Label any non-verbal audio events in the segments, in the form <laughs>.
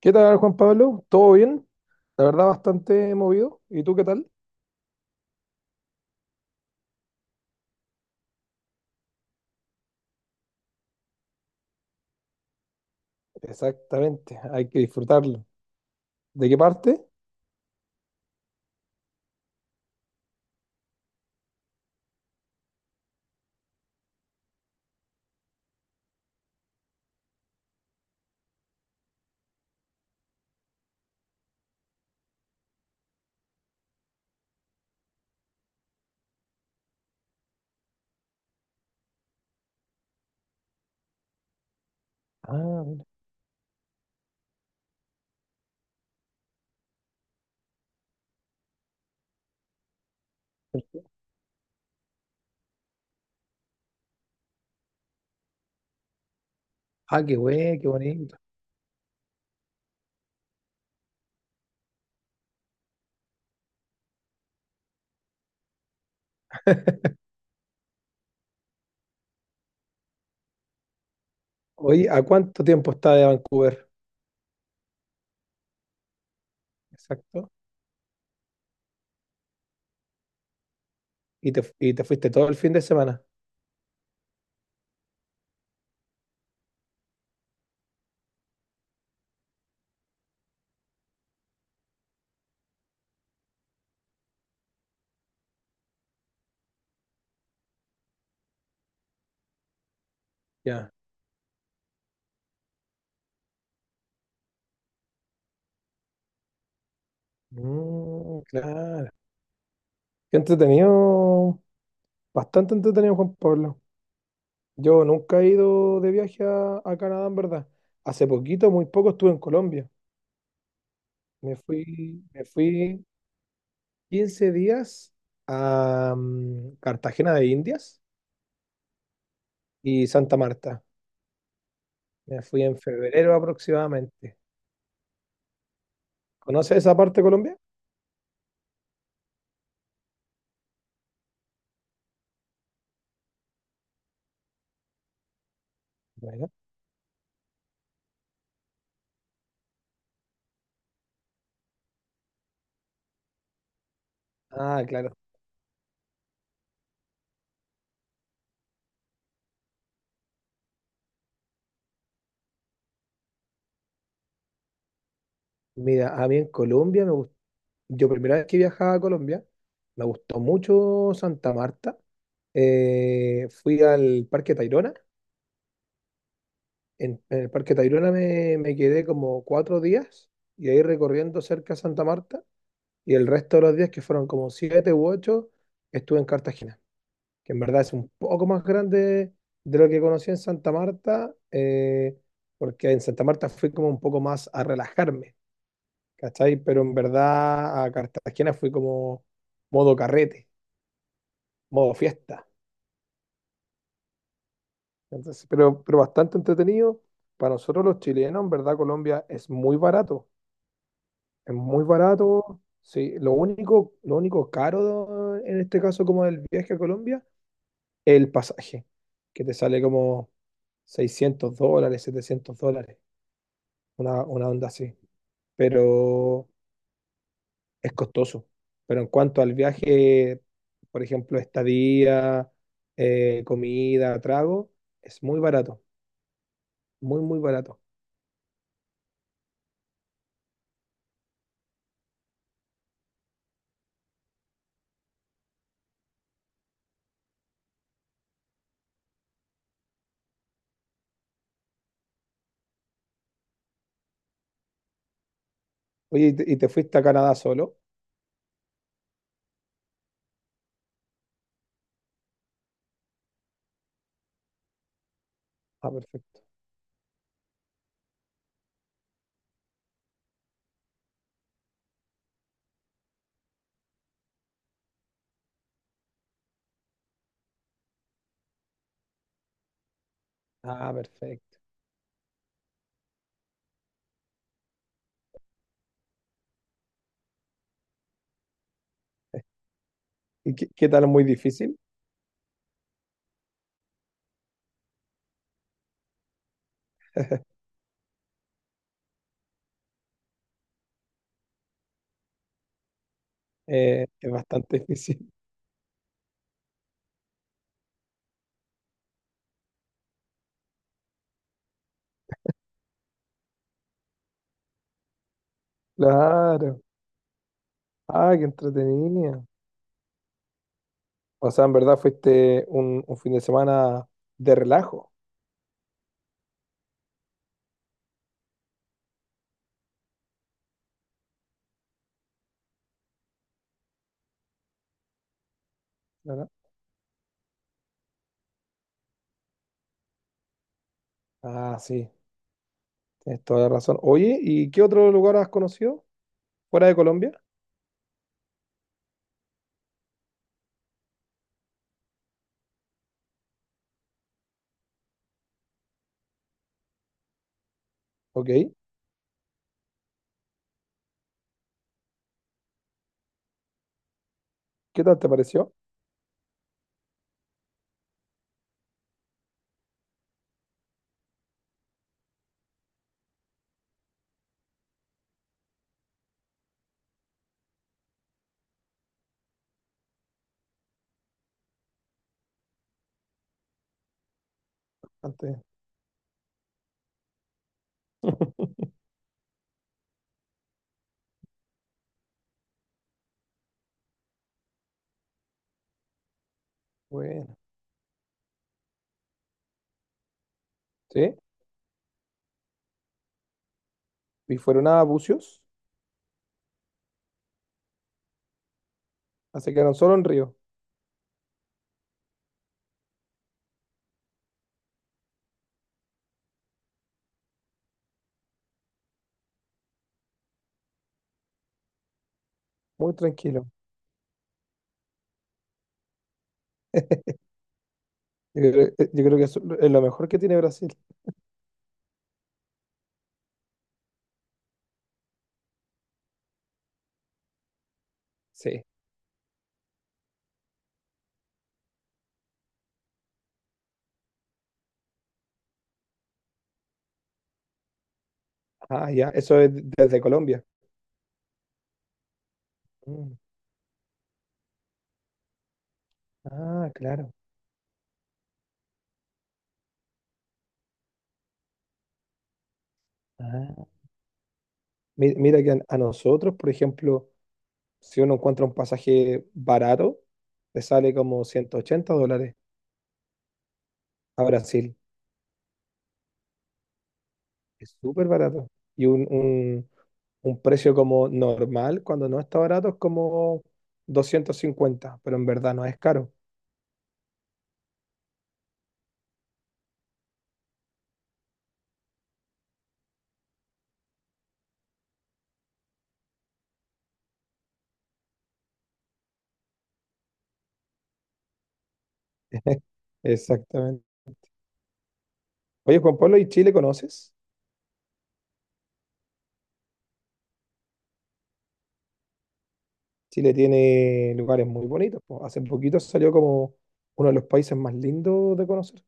¿Qué tal, Juan Pablo? ¿Todo bien? La verdad, bastante movido. ¿Y tú qué tal? Exactamente, hay que disfrutarlo. ¿De qué parte? Ah, mira. Ah, qué güey, qué bonito. <laughs> Oye, ¿a cuánto tiempo está de Vancouver? Exacto. ¿Y te fuiste todo el fin de semana? Ya. Mm, claro. Qué entretenido, bastante entretenido, Juan Pablo. Yo nunca he ido de viaje a Canadá, en verdad. Hace poquito, muy poco, estuve en Colombia. Me fui 15 días a Cartagena de Indias y Santa Marta. Me fui en febrero aproximadamente. ¿Conoces esa parte de Colombia? Bueno. Ah, claro. Mira, a mí en Colombia me gustó. Yo primera vez que viajaba a Colombia, me gustó mucho Santa Marta. Fui al Parque Tayrona. En el Parque Tayrona me quedé como 4 días y ahí recorriendo cerca de Santa Marta. Y el resto de los días, que fueron como siete u ocho, estuve en Cartagena, que en verdad es un poco más grande de lo que conocí en Santa Marta, porque en Santa Marta fui como un poco más a relajarme, ¿cachai? Pero en verdad a Cartagena fui como modo carrete, modo fiesta. Entonces, pero bastante entretenido. Para nosotros los chilenos, en verdad, Colombia es muy barato, es muy barato. Sí, lo único caro en este caso como del viaje a Colombia el pasaje, que te sale como $600, $700, una onda así, pero es costoso. Pero en cuanto al viaje, por ejemplo, estadía, comida, trago, es muy barato, muy, muy barato. Oye, ¿y te fuiste a Canadá solo? Ah, perfecto. Ah, perfecto. ¿Y qué tal? ¿Muy difícil? Es bastante difícil. <laughs> Claro. Ah, qué entretenido. O sea, en verdad fuiste un fin de semana de relajo, ¿verdad? Ah, sí, tienes toda la razón. Oye, ¿y qué otro lugar has conocido fuera de Colombia? Ok, ¿qué tal te pareció antes? <laughs> Bueno, sí, y fueron a Bucios, se quedaron solo en Río, muy tranquilo. Yo creo que eso es lo mejor que tiene Brasil. Sí. Ah, ya, eso es desde Colombia. Mm. Ah, claro. Ah. Mira que a nosotros, por ejemplo, si uno encuentra un pasaje barato, te sale como $180 a Brasil. Es súper barato. Y un precio como normal, cuando no está barato, es como 250, pero en verdad no es caro. Exactamente. Oye, Juan Pablo, ¿y Chile conoces? Chile tiene lugares muy bonitos, po. Hace poquito salió como uno de los países más lindos de conocer,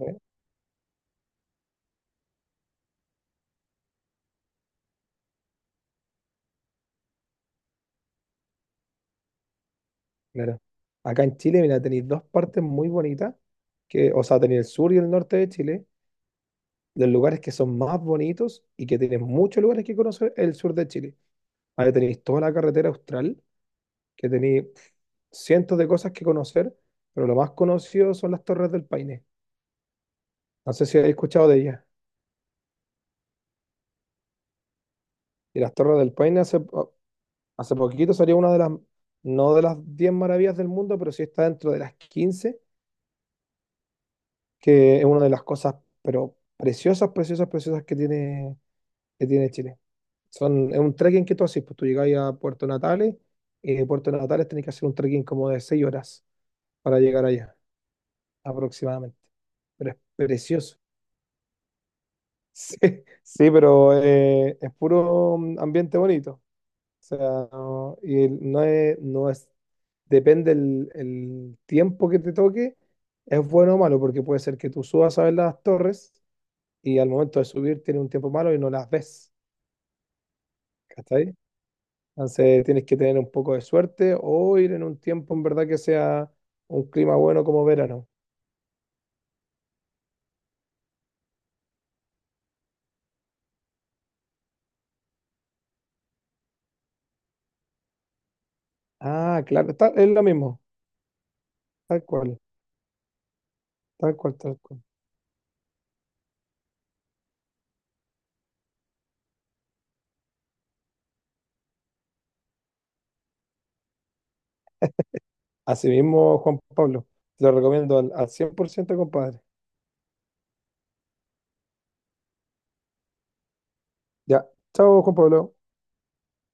¿eh? Claro. Acá en Chile, mira, tenéis dos partes muy bonitas, que, o sea, tenéis el sur y el norte de Chile, los lugares que son más bonitos y que tienen muchos lugares que conocer el sur de Chile. Ahí tenéis toda la carretera austral, que tenéis pf, cientos de cosas que conocer, pero lo más conocido son las Torres del Paine. No sé si habéis escuchado de ellas. Y las Torres del Paine hace poquito salió una de las, no de las 10 maravillas del mundo, pero sí está dentro de las 15, que es una de las cosas, pero preciosas, preciosas, preciosas que tiene, Chile. Es un trekking que tú haces, pues tú llegás a Puerto Natales y de Puerto Natales tenés que hacer un trekking como de 6 horas para llegar allá, aproximadamente. Pero es precioso. <laughs> Sí, sí, pero es puro ambiente bonito. O sea, no es, depende el tiempo que te toque, es bueno o malo, porque puede ser que tú subas a ver las torres y al momento de subir tiene un tiempo malo y no las ves. Entonces tienes que tener un poco de suerte o ir en un tiempo en verdad que sea un clima bueno como verano. Ah, claro, es lo mismo, tal cual, tal cual, tal cual. Así mismo, Juan Pablo, te lo recomiendo al 100%, compadre. Ya, chao, Juan Pablo.